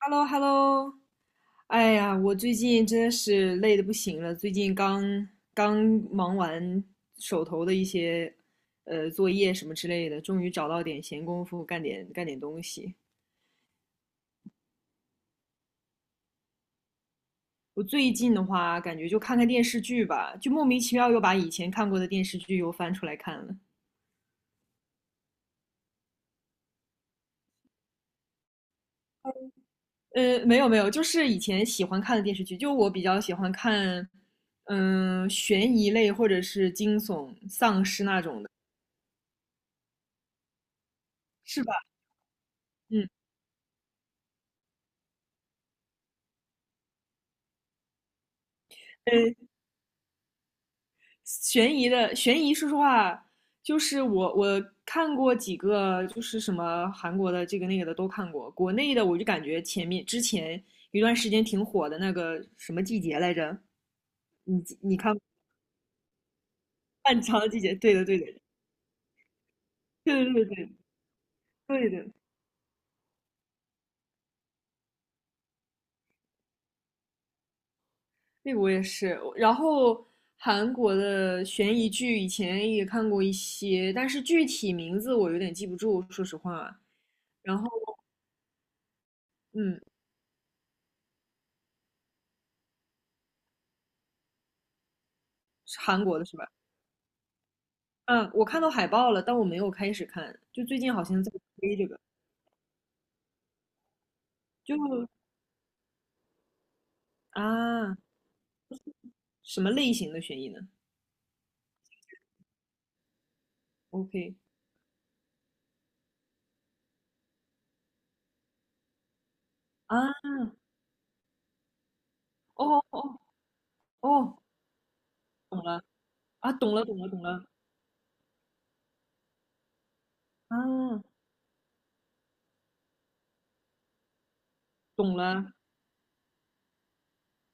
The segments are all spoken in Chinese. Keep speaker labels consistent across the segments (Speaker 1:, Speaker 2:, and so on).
Speaker 1: h e l l o h e l l o 哎呀，我最近真的是累的不行了，最近刚忙完手头的一些作业什么之类的，终于找到点闲工夫干点东西。我最近的话，感觉就看看电视剧吧，就莫名其妙又把以前看过的电视剧又翻出来看了。没有没有，就是以前喜欢看的电视剧，就我比较喜欢看，嗯、悬疑类或者是惊悚、丧尸那种的，是吧？嗯。呃悬疑的悬疑，说实话，就是我看过几个，就是什么韩国的这个那个的都看过，国内的我就感觉前面之前一段时间挺火的那个什么季节来着，你看漫长的季节，对的对的对对对的对的，那个我也是。然后韩国的悬疑剧以前也看过一些，但是具体名字我有点记不住，说实话。然后嗯，是韩国的是吧？嗯，我看到海报了，但我没有开始看。就最近好像在推这个，就啊，什么类型的悬疑呢？OK 啊，哦哦哦，懂了啊，懂了懂了懂了啊，懂了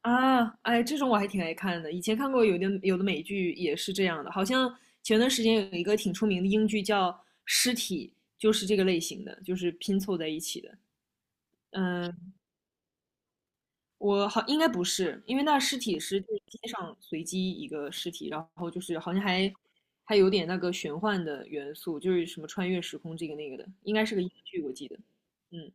Speaker 1: 啊，哎，这种我还挺爱看的。以前看过有的美剧也是这样的，好像前段时间有一个挺出名的英剧叫《尸体》，就是这个类型的，就是拼凑在一起的。嗯我好应该不是，因为那尸体是就是街上随机一个尸体，然后就是好像还还有点那个玄幻的元素，就是什么穿越时空这个那个的，应该是个英剧，我记得。嗯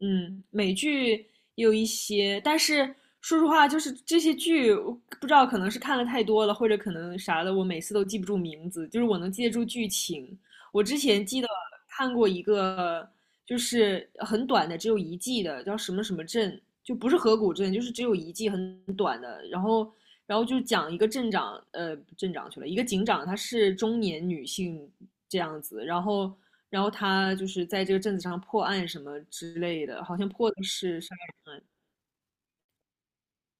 Speaker 1: 嗯，美剧也有一些，但是说实话，就是这些剧，我不知道可能是看了太多了，或者可能啥的，我每次都记不住名字，就是我能记得住剧情。我之前记得看过一个就是很短的，只有一季的，叫什么什么镇，就不是河谷镇，就是只有一季很短的。然后，然后就讲一个镇长，镇长去了，一个警长，她是中年女性这样子，然后，然后她就是在这个镇子上破案什么之类的，好像破的是啥？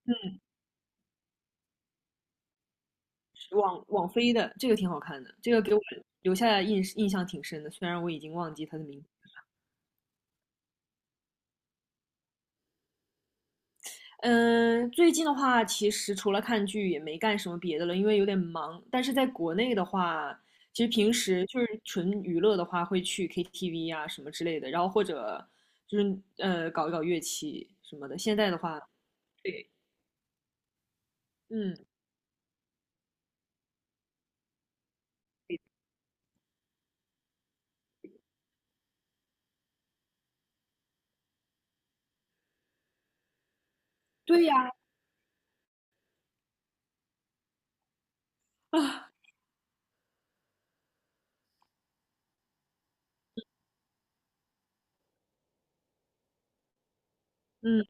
Speaker 1: 嗯，是网飞的，这个挺好看的，这个给我留下印象挺深的，虽然我已经忘记她的名字。嗯，最近的话，其实除了看剧也没干什么别的了，因为有点忙。但是在国内的话，其实平时就是纯娱乐的话，会去 KTV 啊什么之类的，然后或者就是搞一搞乐器什么的。现在的话，对，嗯，对呀，啊，嗯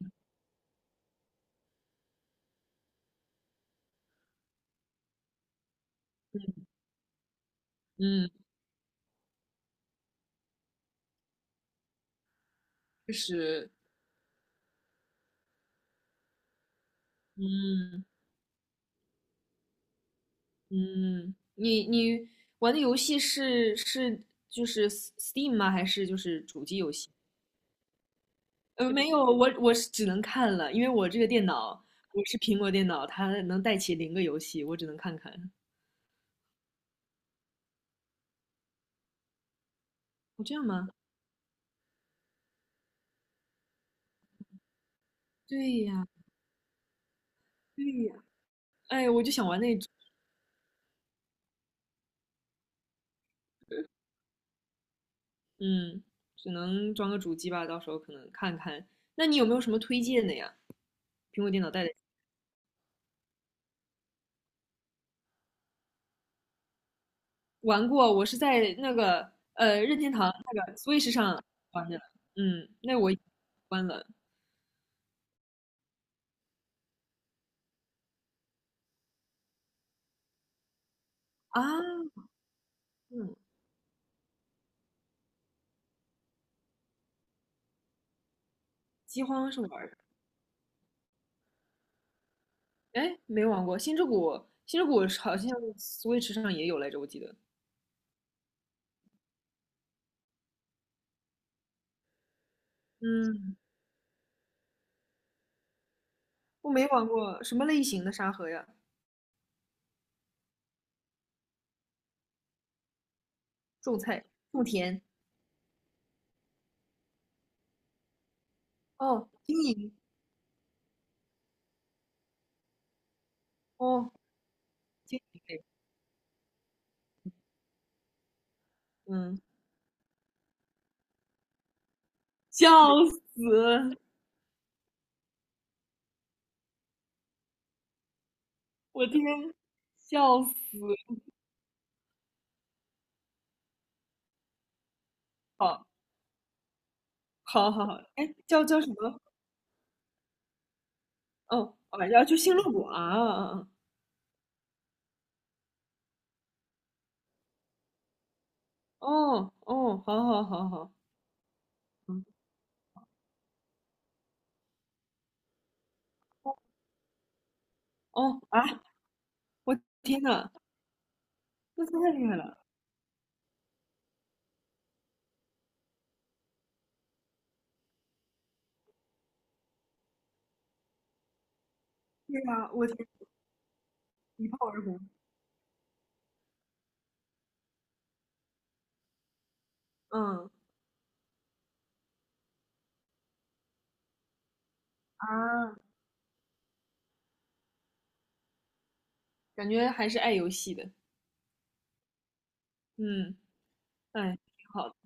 Speaker 1: 嗯，嗯，就是嗯嗯，你玩的游戏是就是 Steam 吗？还是就是主机游戏？没有，我是只能看了，因为我这个电脑我是苹果电脑，它能带起零个游戏，我只能看看。哦，这样吗？对呀，对呀。哎，我就想玩那种，嗯，只能装个主机吧，到时候可能看看。那你有没有什么推荐的呀？苹果电脑带的，玩过，我是在那个任天堂那个 Switch 上玩的，嗯，那我关了啊，嗯，饥荒是玩的。哎，没玩过《星之谷》，《星之谷》好像 Switch 上也有来着，我记得。嗯，我没玩过，什么类型的沙盒呀？种菜、种田，哦，经营，哦，经营类，嗯，笑死！我天，笑死！好，好，好，好，哎，叫什么？哦，哦，要去星露谷啊，啊哦，哦，好好好好，嗯，哦啊，我天呐，那太厉害了！对呀，我天，一炮而红，嗯。啊，感觉还是爱游戏的，嗯，哎，挺好的，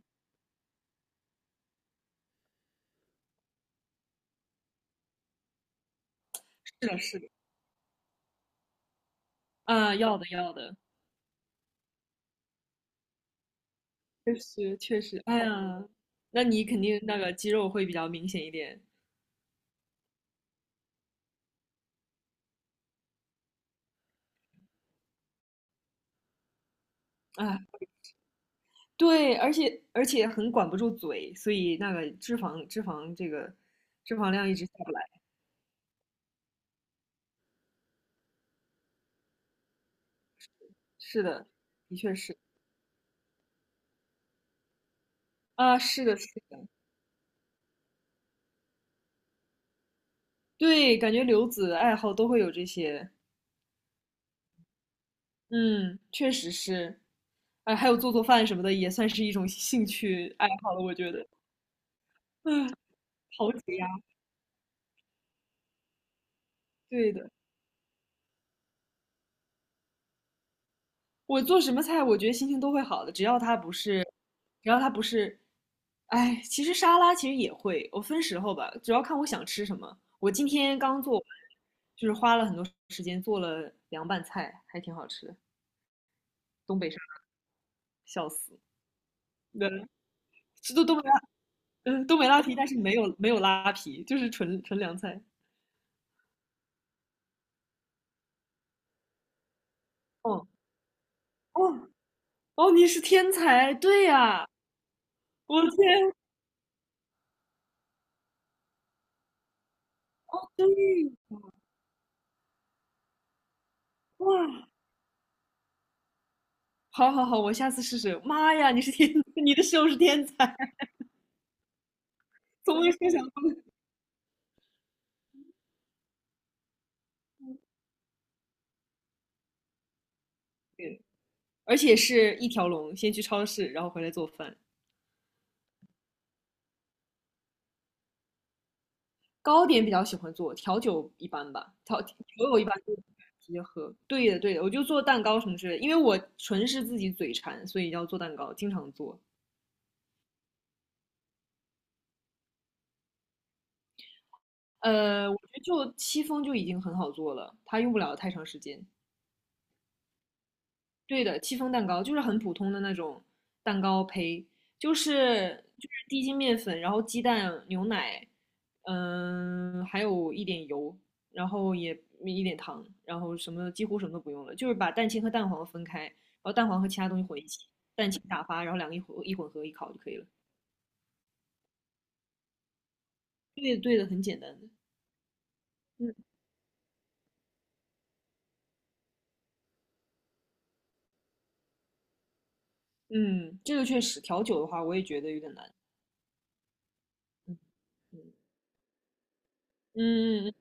Speaker 1: 是的，是的，啊，要的要的，确实确实，哎呀，那你肯定那个肌肉会比较明显一点，啊，对，而且很管不住嘴，所以那个脂肪这个脂肪量一直下不来，是的，的确是，啊，是的，是的，对，感觉留子爱好都会有这些，嗯，确实是，哎，还有做饭什么的也算是一种兴趣爱好了，我觉得。嗯好解压，对的。我做什么菜，我觉得心情都会好的，只要它不是，只要它不是，哎，其实沙拉其实也会，我分时候吧，主要看我想吃什么。我今天刚做完就是花了很多时间做了凉拌菜，还挺好吃的，东北沙拉笑死。对，是东北拉，嗯，东北拉皮，但是没有没有拉皮，就是纯纯凉菜。哦哦哦，你是天才，对呀，我的天，哦对，哇，好好好，我下次试试。妈呀，你是天，你的室友是天才，从未设想过。对而且是一条龙，先去超市，然后回来做饭。糕点比较喜欢做，调酒一般吧，调酒我一般就直接喝。对的，对的，我就做蛋糕什么之类的，因为我纯是自己嘴馋，所以要做蛋糕，经常做。我觉得就戚风就已经很好做了，它用不了太长时间。对的，戚风蛋糕就是很普通的那种蛋糕胚，就是低筋面粉，然后鸡蛋、牛奶，嗯，还有一点油，然后也一点糖，然后什么几乎什么都不用了，就是把蛋清和蛋黄分开，然后蛋黄和其他东西混一起，蛋清打发，然后两个一混合一烤就可以了。对的对的，很简单的。嗯嗯，这个确实调酒的话，我也觉得有点难。嗯嗯嗯，嗯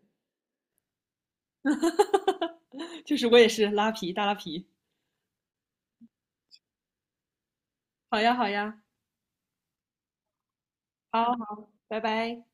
Speaker 1: 就是我也是拉皮大拉皮。好呀好呀。好好，拜拜。